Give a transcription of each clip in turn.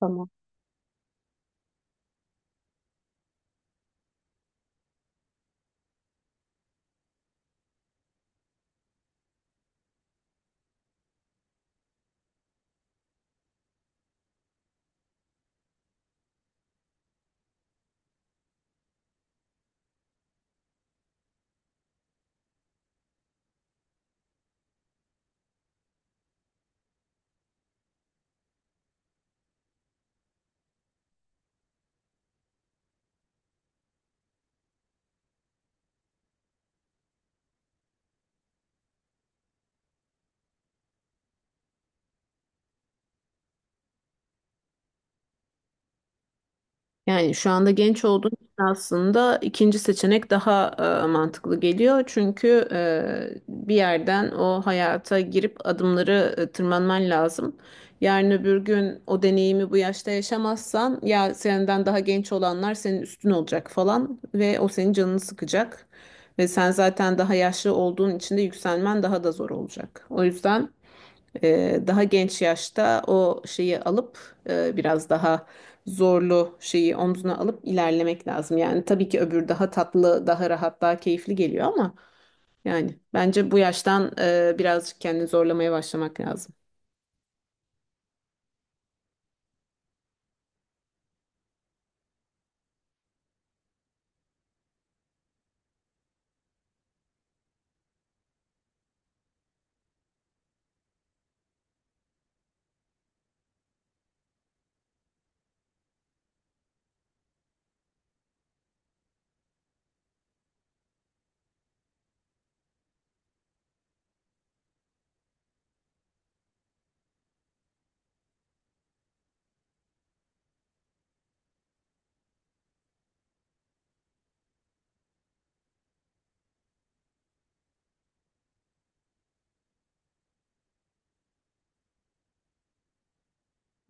Tamam. Yani şu anda genç olduğun için aslında ikinci seçenek daha mantıklı geliyor. Çünkü bir yerden o hayata girip adımları tırmanman lazım. Yarın öbür gün o deneyimi bu yaşta yaşamazsan ya senden daha genç olanlar senin üstün olacak falan ve o senin canını sıkacak. Ve sen zaten daha yaşlı olduğun için de yükselmen daha da zor olacak. O yüzden daha genç yaşta o şeyi alıp biraz daha zorlu şeyi omzuna alıp ilerlemek lazım. Yani tabii ki öbür daha tatlı, daha rahat, daha keyifli geliyor ama yani bence bu yaştan birazcık kendini zorlamaya başlamak lazım.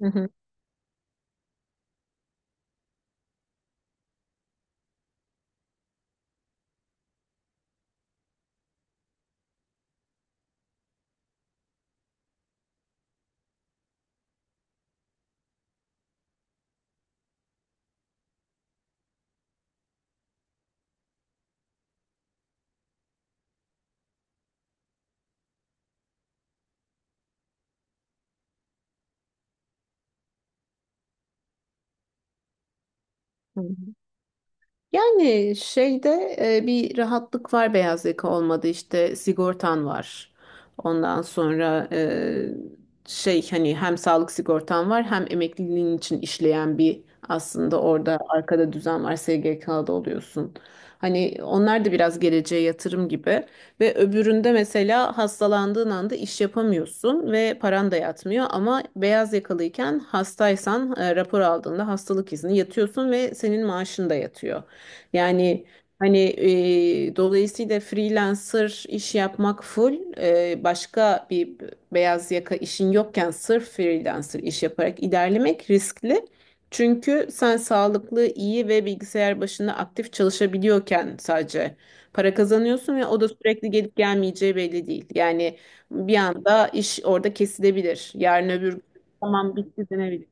Hı hı. Hı. Yani şeyde bir rahatlık var, beyaz yaka olmadı işte sigortan var. Ondan sonra şey, hani hem sağlık sigortan var hem emekliliğin için işleyen bir, aslında orada arkada düzen var, SGK'da oluyorsun. Hani onlar da biraz geleceğe yatırım gibi ve öbüründe mesela hastalandığın anda iş yapamıyorsun ve paran da yatmıyor, ama beyaz yakalıyken hastaysan rapor aldığında hastalık izni yatıyorsun ve senin maaşın da yatıyor. Yani hani dolayısıyla freelancer iş yapmak full başka bir, beyaz yaka işin yokken sırf freelancer iş yaparak ilerlemek riskli. Çünkü sen sağlıklı, iyi ve bilgisayar başında aktif çalışabiliyorken sadece para kazanıyorsun ve o da sürekli gelip gelmeyeceği belli değil. Yani bir anda iş orada kesilebilir. Yarın öbür gün tamam bitti denebilir.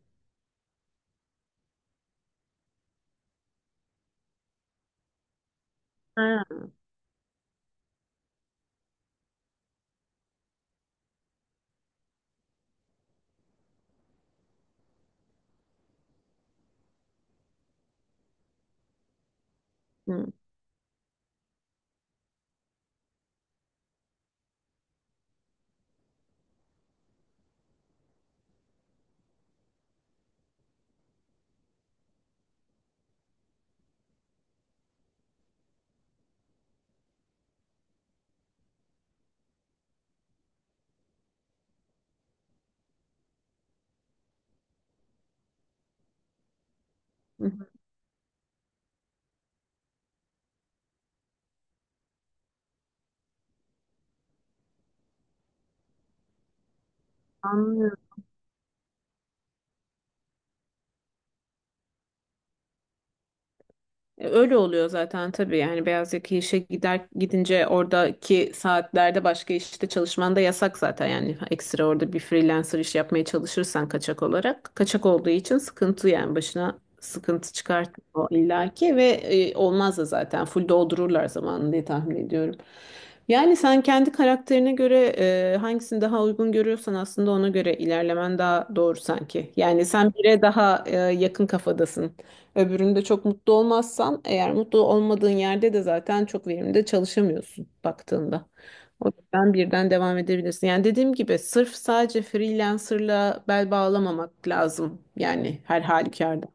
Ha. Hı. Hı. Anlıyorum. Öyle oluyor zaten tabii. Yani beyaz yaka işe gider gidince oradaki saatlerde başka işte çalışman da yasak zaten. Yani ekstra orada bir freelancer iş yapmaya çalışırsan kaçak olarak, kaçak olduğu için sıkıntı. Yani başına sıkıntı çıkartıyor o illaki ve olmaz da, zaten full doldururlar zamanını diye tahmin ediyorum. Yani sen kendi karakterine göre hangisini daha uygun görüyorsan aslında ona göre ilerlemen daha doğru sanki. Yani sen bire daha yakın kafadasın. Öbüründe çok mutlu olmazsan, eğer mutlu olmadığın yerde de zaten çok verimli de çalışamıyorsun baktığında. O yüzden birden devam edebilirsin. Yani dediğim gibi sırf sadece freelancerla bel bağlamamak lazım. Yani her halükarda.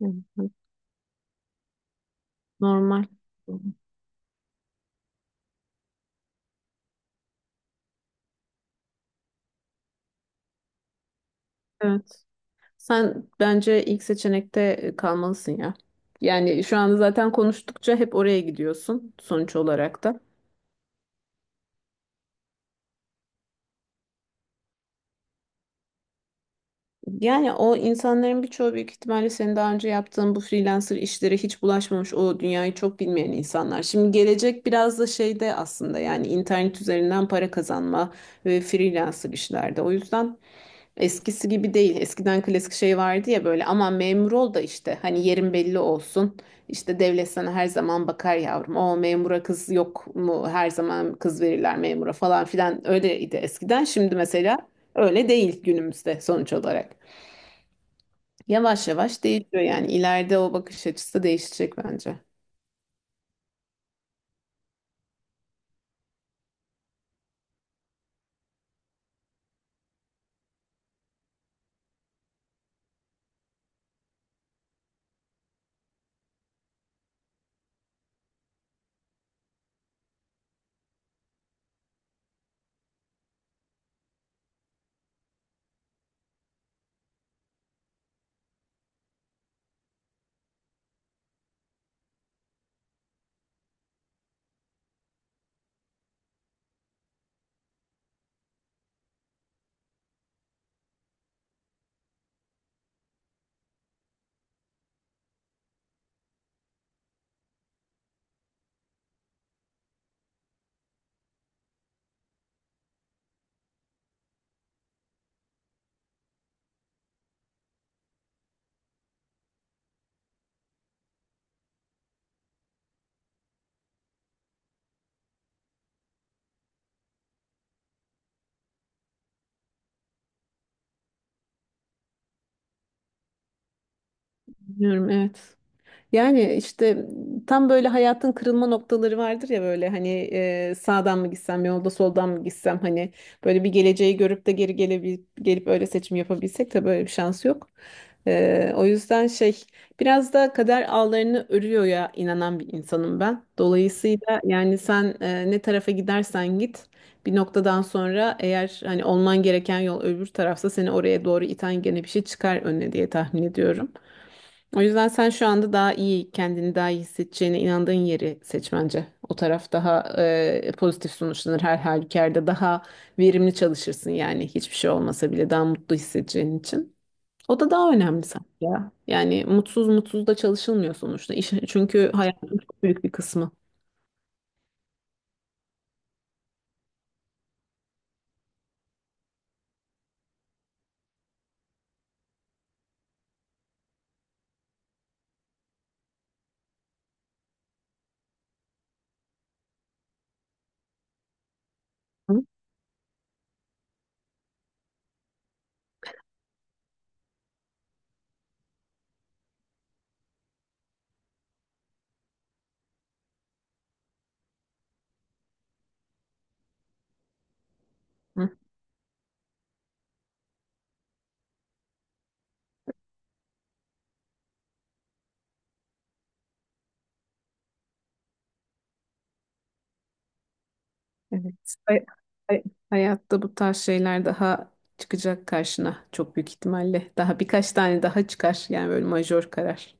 Hı hı. Normal. Evet. Sen bence ilk seçenekte kalmalısın ya. Yani şu anda zaten konuştukça hep oraya gidiyorsun sonuç olarak da. Yani o insanların birçoğu büyük ihtimalle senin daha önce yaptığın bu freelancer işlere hiç bulaşmamış, o dünyayı çok bilmeyen insanlar. Şimdi gelecek biraz da şeyde aslında, yani internet üzerinden para kazanma ve freelancer işlerde. O yüzden eskisi gibi değil. Eskiden klasik şey vardı ya, böyle aman memur ol da işte hani yerin belli olsun. İşte devlet sana her zaman bakar yavrum. O memura kız yok mu? Her zaman kız verirler memura falan filan. Öyleydi eskiden. Şimdi mesela öyle değil günümüzde sonuç olarak. Yavaş yavaş değişiyor yani. İleride o bakış açısı değişecek bence. Bilmiyorum, evet. Yani işte tam böyle hayatın kırılma noktaları vardır ya, böyle hani sağdan mı gitsem yolda, soldan mı gitsem, hani böyle bir geleceği görüp de geri gelebil gelip öyle seçim yapabilsek. Tabii böyle bir şans yok. O yüzden şey, biraz da kader ağlarını örüyor ya, inanan bir insanım ben. Dolayısıyla yani sen ne tarafa gidersen git bir noktadan sonra, eğer hani olman gereken yol öbür tarafsa, seni oraya doğru iten gene bir şey çıkar önüne diye tahmin ediyorum. O yüzden sen şu anda daha iyi, kendini daha iyi hissedeceğine inandığın yeri seç bence. O taraf daha pozitif sonuçlanır her halükarda. Daha verimli çalışırsın, yani hiçbir şey olmasa bile daha mutlu hissedeceğin için. O da daha önemli sanki ya. Yani mutsuz mutsuz da çalışılmıyor sonuçta. İş, çünkü hayatın çok büyük bir kısmı. Hı? Hı. Evet. Hay- Hayatta bu tarz şeyler daha çıkacak karşına çok büyük ihtimalle. Daha birkaç tane daha çıkar yani, böyle majör karar.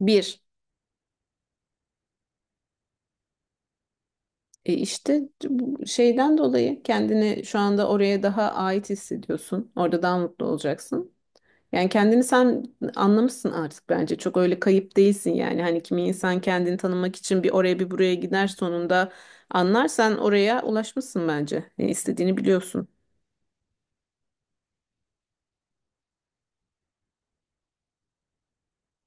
Bir. E işte bu şeyden dolayı kendini şu anda oraya daha ait hissediyorsun. Orada daha mutlu olacaksın. Yani kendini sen anlamışsın artık bence. Çok öyle kayıp değilsin yani. Hani kimi insan kendini tanımak için bir oraya bir buraya gider, sonunda anlarsan oraya ulaşmışsın bence. Ne istediğini biliyorsun.